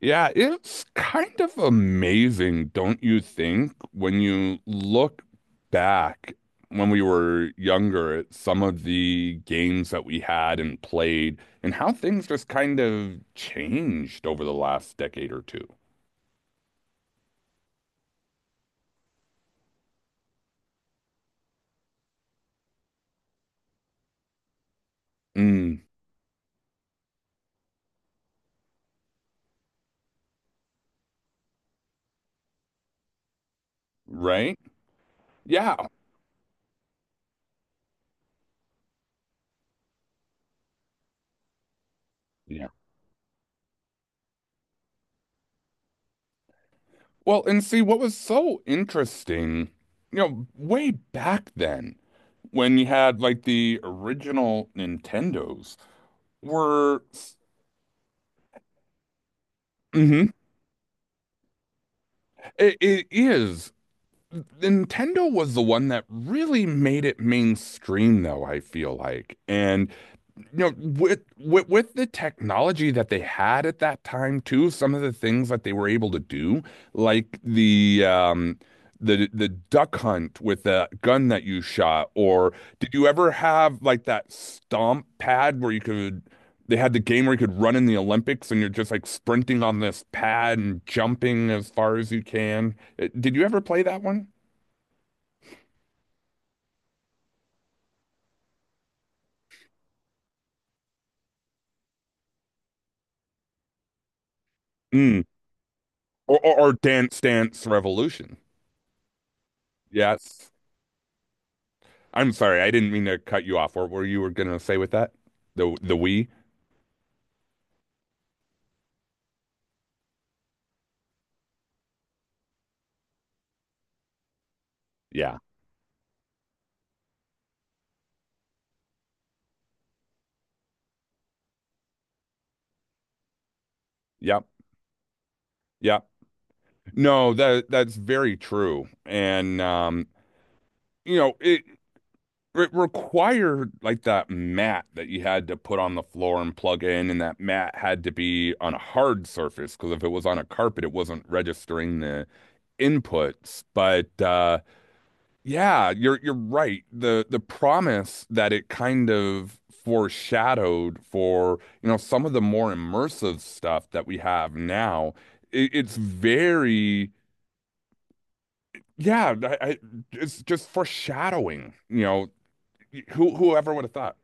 Yeah, it's kind of amazing, don't you think, when you look back when we were younger at some of the games that we had and played and how things just kind of changed over the last decade or two. Mm, right? Yeah. Yeah. Well, and see, what was so interesting, way back then when you had like the original Nintendos were. Mhm. It is. Nintendo was the one that really made it mainstream, though, I feel like. And with, with the technology that they had at that time too, some of the things that they were able to do, like the duck hunt with the gun that you shot. Or did you ever have like that stomp pad where you could— they had the game where you could run in the Olympics and you're just like sprinting on this pad and jumping as far as you can. Did you ever play that one? Mm. Or Dance Dance Revolution. Yes. I'm sorry, I didn't mean to cut you off. What were you were gonna say with that? The we? Yeah. Yep. Yep. No, that's very true. And it it required like that mat that you had to put on the floor and plug in, and that mat had to be on a hard surface because if it was on a carpet, it wasn't registering the inputs. But Yeah, you're right. The promise that it kind of foreshadowed for, some of the more immersive stuff that we have now, it's very, yeah, it's just foreshadowing, whoever would have thought?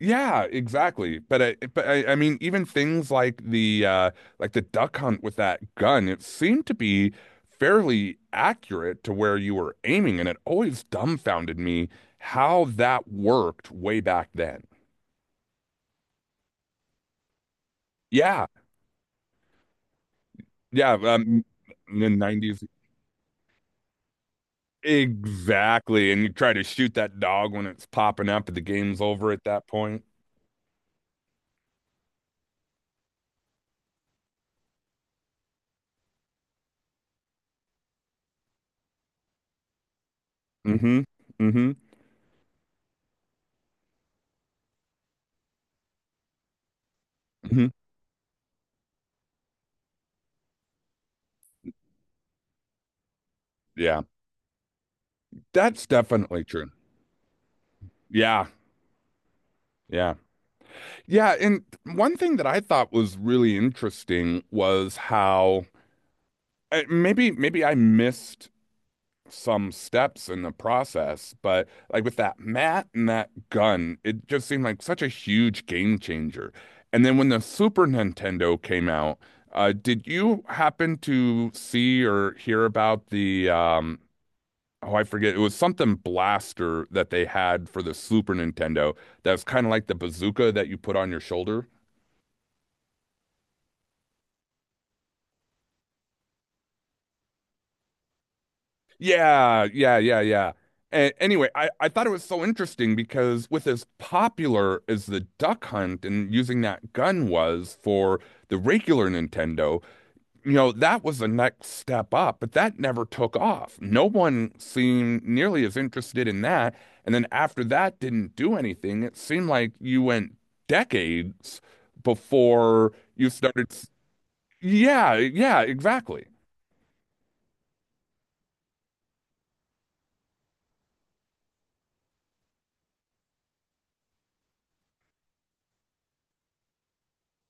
Yeah, exactly. I mean, even things like the duck hunt with that gun, it seemed to be fairly accurate to where you were aiming, and it always dumbfounded me how that worked way back then. Yeah, yeah, um, in the 90s, exactly. And you try to shoot that dog when it's popping up, and the game's over at that point. Mm-hmm. Mm-hmm. Mm-hmm. Yeah, that's definitely true. Yeah, yeah. Yeah, and one thing that I thought was really interesting was how maybe I missed some steps in the process, but like with that mat and that gun, it just seemed like such a huge game changer. And then when the Super Nintendo came out, did you happen to see or hear about the oh, I forget, it was something blaster that they had for the Super Nintendo that was kind of like the bazooka that you put on your shoulder? Yeah. And anyway, I thought it was so interesting because with as popular as the Duck Hunt and using that gun was for the regular Nintendo, that was the next step up, but that never took off. No one seemed nearly as interested in that. And then after that didn't do anything, it seemed like you went decades before you started. Yeah, yeah, exactly.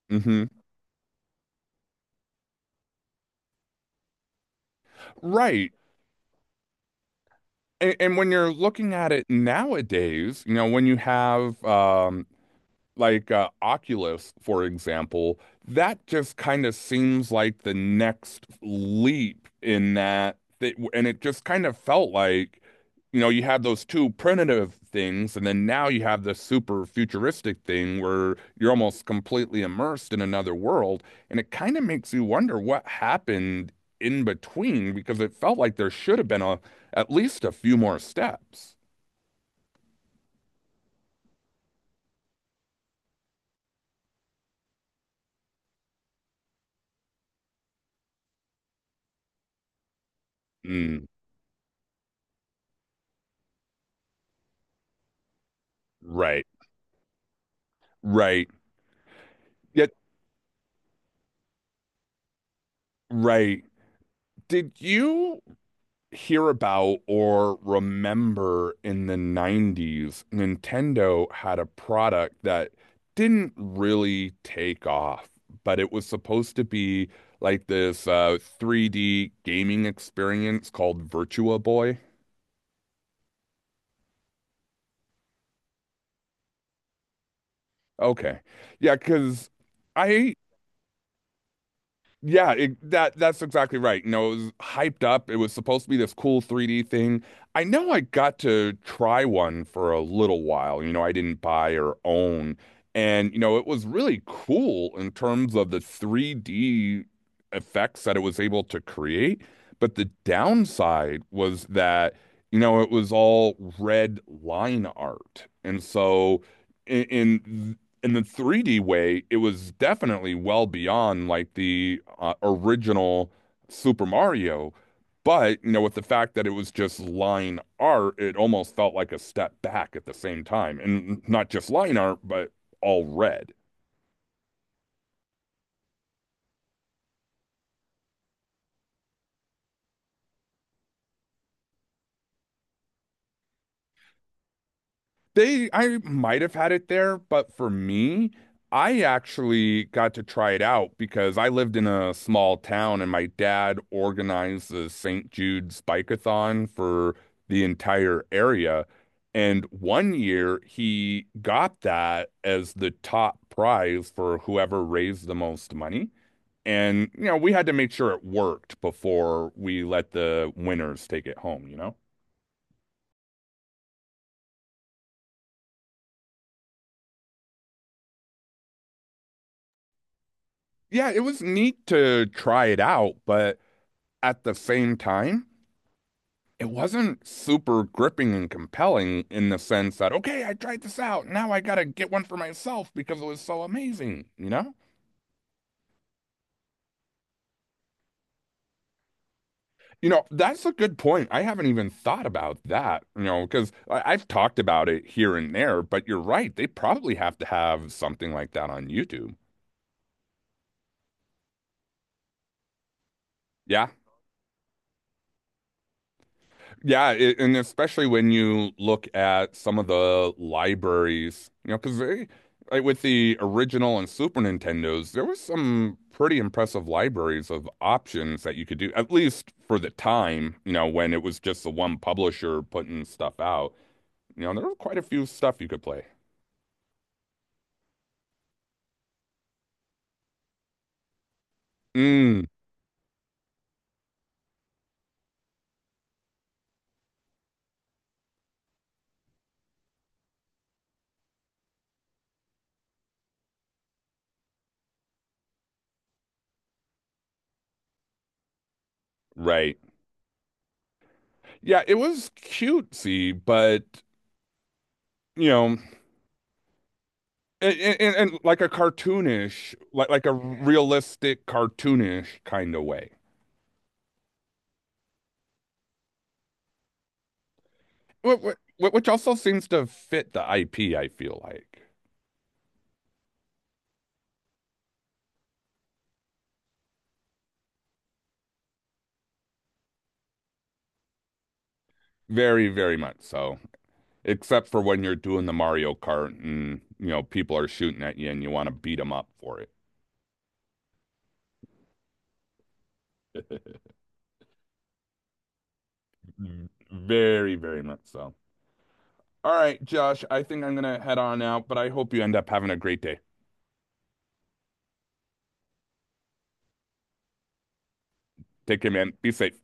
Hmm. Right. And when you're looking at it nowadays, when you have like Oculus, for example, that just kind of seems like the next leap in that, th and it just kind of felt like, you had those two primitive things, and then now you have this super futuristic thing where you're almost completely immersed in another world, and it kind of makes you wonder what happened in between because it felt like there should have been a— at least a few more steps. Mm, right, right. Yet, right. Did you hear about or remember in the 90s, Nintendo had a product that didn't really take off, but it was supposed to be like this 3D gaming experience called Virtua Boy? Okay. Yeah, because I yeah, that that's exactly right. You know, it was hyped up. It was supposed to be this cool 3D thing. I know I got to try one for a little while. You know, I didn't buy or own. And, you know, it was really cool in terms of the 3D effects that it was able to create. But the downside was that, you know, it was all red line art. And so in, in in the 3D way, it was definitely well beyond like the original Super Mario. But, you know, with the fact that it was just line art, it almost felt like a step back at the same time. And not just line art, but all red. They— I might have had it there, but for me, I actually got to try it out because I lived in a small town and my dad organized the St. Jude's Bike-A-Thon for the entire area. And one year he got that as the top prize for whoever raised the most money. And, you know, we had to make sure it worked before we let the winners take it home, you know? Yeah, it was neat to try it out, but at the same time, it wasn't super gripping and compelling in the sense that, okay, I tried this out. Now I gotta get one for myself because it was so amazing, you know? You know, that's a good point. I haven't even thought about that, you know, because I've talked about it here and there, but you're right. They probably have to have something like that on YouTube. Yeah. Yeah, it, and especially when you look at some of the libraries, you know, because they, like with the original and Super Nintendos, there was some pretty impressive libraries of options that you could do, at least for the time, you know, when it was just the one publisher putting stuff out. You know, there was quite a few stuff you could play. Mm, right. Yeah, it was cutesy, but you know, and like a cartoonish, like a realistic cartoonish kind of way. Wh- wh- Which also seems to fit the IP, I feel like. Very, very much so. Except for when you're doing the Mario Kart and, you know, people are shooting at you and you want to beat them up for it. Very, very much so. All right, Josh, I think I'm gonna head on out, but I hope you end up having a great day. Take care, man. Be safe.